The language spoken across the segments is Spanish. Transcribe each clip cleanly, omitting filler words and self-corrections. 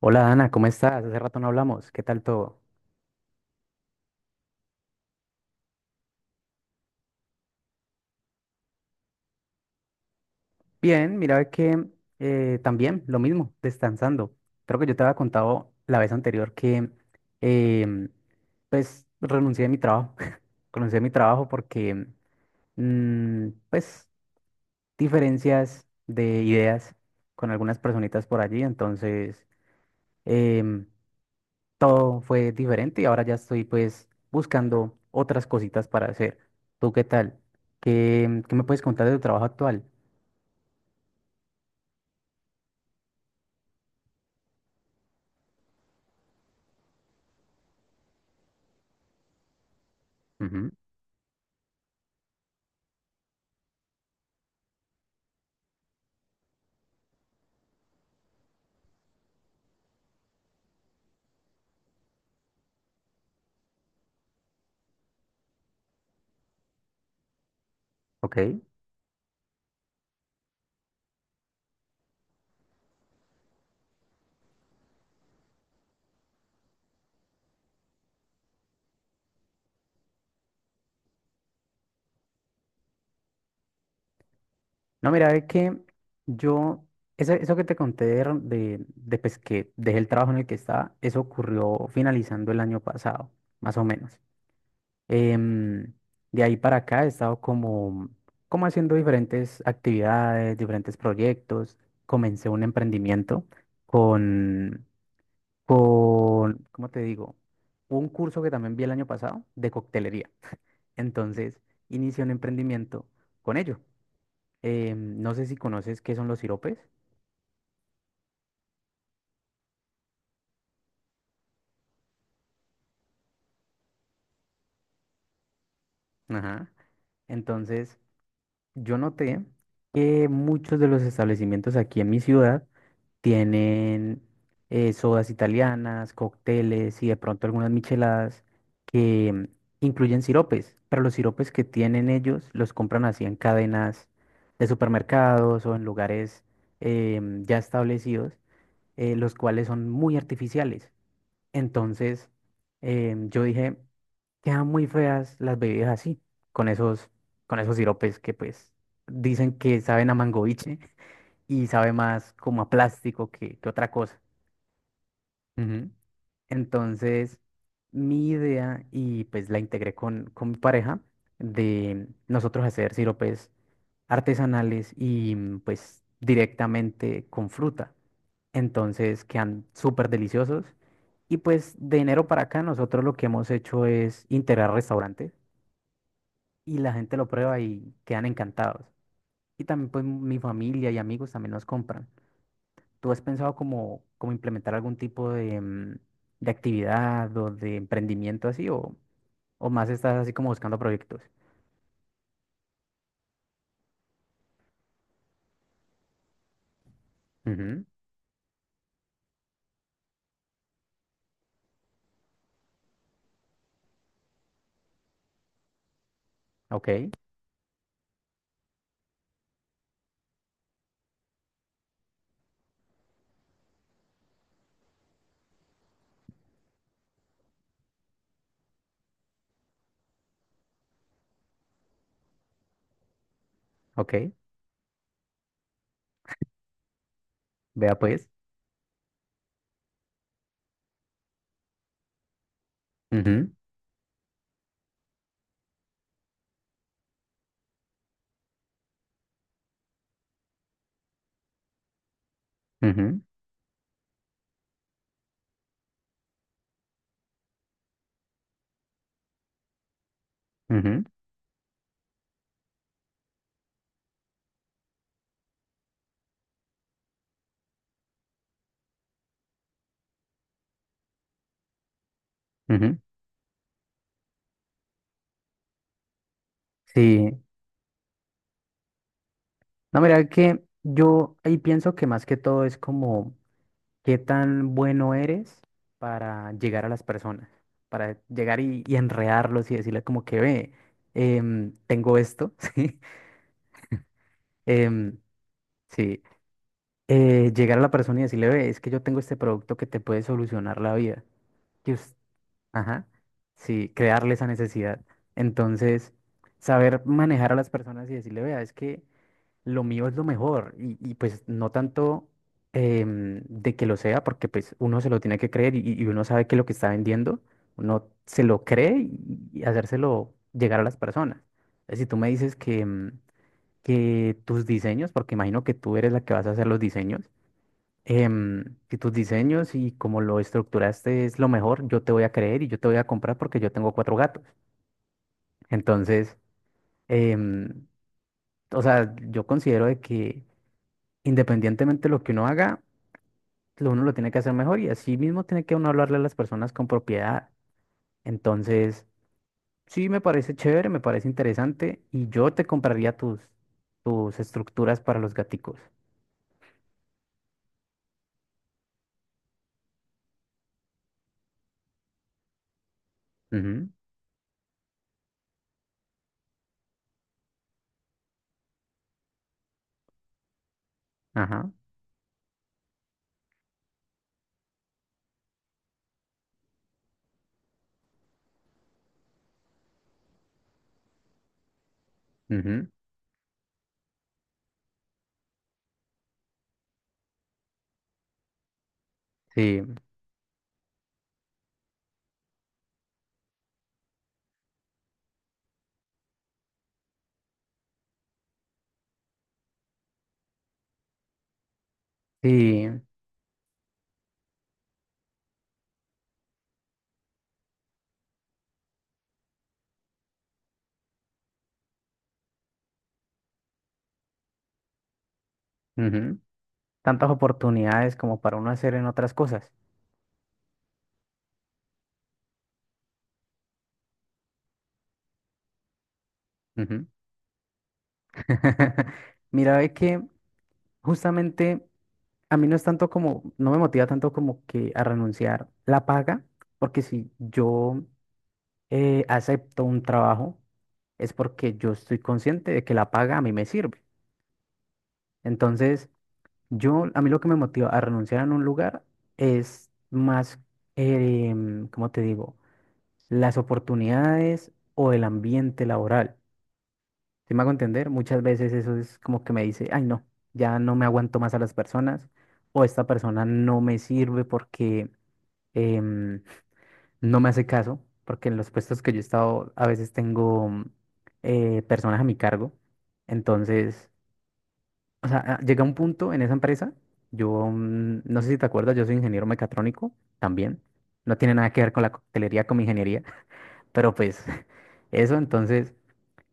Hola Ana, ¿cómo estás? Hace rato no hablamos. ¿Qué tal todo? Bien, mira que también lo mismo, descansando. Creo que yo te había contado la vez anterior que em, pues renuncié a mi trabajo. Renuncié a mi trabajo porque pues diferencias de ideas con algunas personitas por allí. Entonces em, todo fue diferente y ahora ya estoy pues buscando otras cositas para hacer. ¿Tú qué tal? ¿Qué me puedes contar de tu trabajo actual? Ujú. Ok. No, mira, es que yo, eso, eso que te conté de, pues, que dejé el trabajo en el que estaba, eso ocurrió finalizando el año pasado, más o menos. Em, de ahí para acá he estado como, como haciendo diferentes actividades, diferentes proyectos. Comencé un emprendimiento con con, ¿cómo te digo? Un curso que también vi el año pasado de coctelería. Entonces, inicié un emprendimiento con ello. No sé si conoces qué son los siropes. Ajá. Entonces, yo noté que muchos de los establecimientos aquí en mi ciudad tienen sodas italianas, cócteles y de pronto algunas micheladas que incluyen siropes, pero los siropes que tienen ellos los compran así en cadenas de supermercados o en lugares ya establecidos, los cuales son muy artificiales. Entonces, yo dije, quedan muy feas las bebidas así, con esos, con esos siropes que pues dicen que saben a mangoviche y sabe más como a plástico que otra cosa. Ujú. Entonces, mi idea, y pues la integré con mi pareja, de nosotros hacer siropes artesanales y pues directamente con fruta. Entonces quedan súper deliciosos. Y pues de enero para acá nosotros lo que hemos hecho es integrar restaurantes y la gente lo prueba y quedan encantados. Y también pues mi familia y amigos también nos compran. ¿Tú has pensado como, como implementar algún tipo de, de actividad o de emprendimiento así o más estás así como buscando proyectos? Ujú. Ok, ok, vea pues. Ujú, ujú, ujú, ujú. Sí, no, mira que yo ahí pienso que más que todo es como ¿qué tan bueno eres para llegar a las personas? Para llegar y enredarlos y decirles como que ve, tengo esto, ¿sí? Em, sí. Llegar a la persona y decirle, ve, es que yo tengo este producto que te puede solucionar la vida. Que us- Ajá. Sí, crearle esa necesidad. Entonces, saber manejar a las personas y decirle, vea, es que lo mío es lo mejor y, pues no tanto de que lo sea, porque pues uno se lo tiene que creer y uno sabe que lo que está vendiendo, uno se lo cree y hacérselo llegar a las personas. Si tú me dices que, que tus diseños, porque imagino que tú eres la que vas a hacer los diseños, que tus diseños y como lo estructuraste es lo mejor, yo te voy a creer y yo te voy a comprar porque yo tengo cuatro gatos. Entonces, em, o sea, yo considero de que... independientemente de lo que uno haga, lo- uno lo tiene que hacer mejor y así mismo tiene que uno hablarle a las personas con propiedad. Entonces, sí, me parece chévere, me parece interesante y yo te compraría tus, tus estructuras para los gaticos. Ujú, ajá, ujú, sí, sí, ujú. Tantas oportunidades como para uno hacer en otras cosas. Ujú. Mira, ve que justamente a mí no es tanto como, no me motiva tanto como que a renunciar la paga, porque si yo acepto un trabajo es porque yo estoy consciente de que la paga a mí me sirve. Entonces, yo, a mí lo que me motiva a renunciar en un lugar es más, ¿cómo te digo? Las oportunidades o el ambiente laboral. ¿Si me hago entender? Muchas veces eso es como que me dice, ay, no, ya no me aguanto más a las personas o esta persona no me sirve porque, em, no me hace caso, porque en los puestos que yo he estado a veces tengo personas a mi cargo. Entonces, o sea, ah, llega un punto en esa empresa, yo no sé si te acuerdas, yo soy ingeniero mecatrónico también. No tiene nada que ver con la coctelería, con mi ingeniería, pero pues eso, entonces,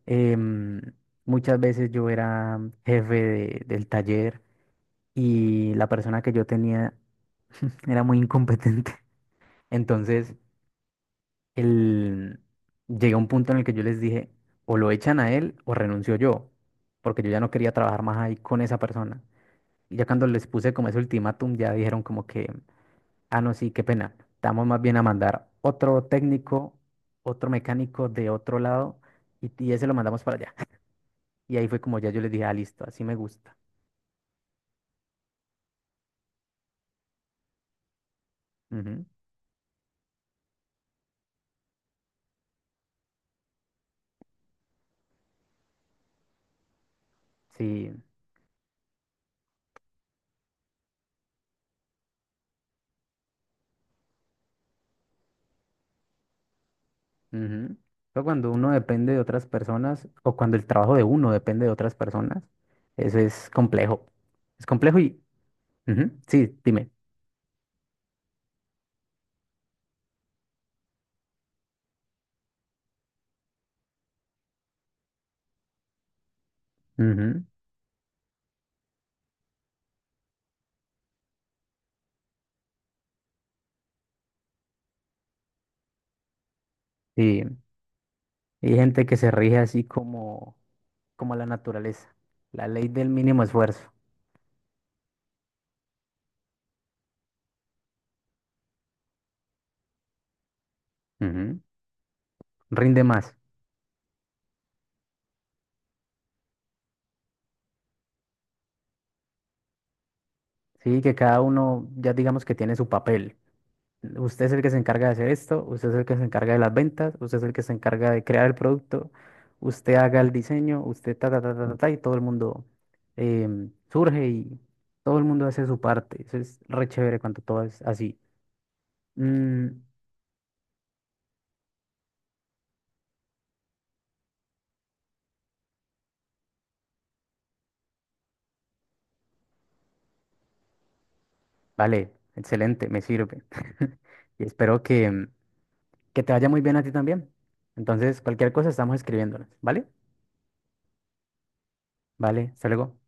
em, muchas veces yo era jefe de- del taller y la persona que yo tenía era muy incompetente. Entonces, el, llegué a un punto en el que yo les dije, o lo echan a él o renuncio yo, porque yo ya no quería trabajar más ahí con esa persona. Y ya cuando les puse como ese ultimátum, ya dijeron como que, ah, no, sí, qué pena, estamos más bien a mandar otro técnico, otro mecánico de otro lado y ese lo mandamos para allá. Y ahí fue como ya yo les dije, ah, listo, así me gusta. Ujú, sí, ujú. Pero cuando uno depende de otras personas o cuando el trabajo de uno depende de otras personas, eso es complejo. Es complejo y... ujú, sí, dime. Ujú, sí. Y hay gente que se rige así como, como la naturaleza, la ley del mínimo esfuerzo. Ujú, rinde más. Sí, que cada uno ya digamos que tiene su papel. Usted es el que se encarga de hacer esto, usted es el que se encarga de las ventas, usted es el que se encarga de crear el producto, usted haga el diseño, usted ta, ta, ta, ta, ta, ta, y todo el mundo surge y todo el mundo hace su parte. Eso es re chévere cuando todo es así. Mm, vale, excelente, me sirve. Y espero que te vaya muy bien a ti también. Entonces, cualquier cosa estamos escribiéndonos, ¿vale? Vale, hasta luego.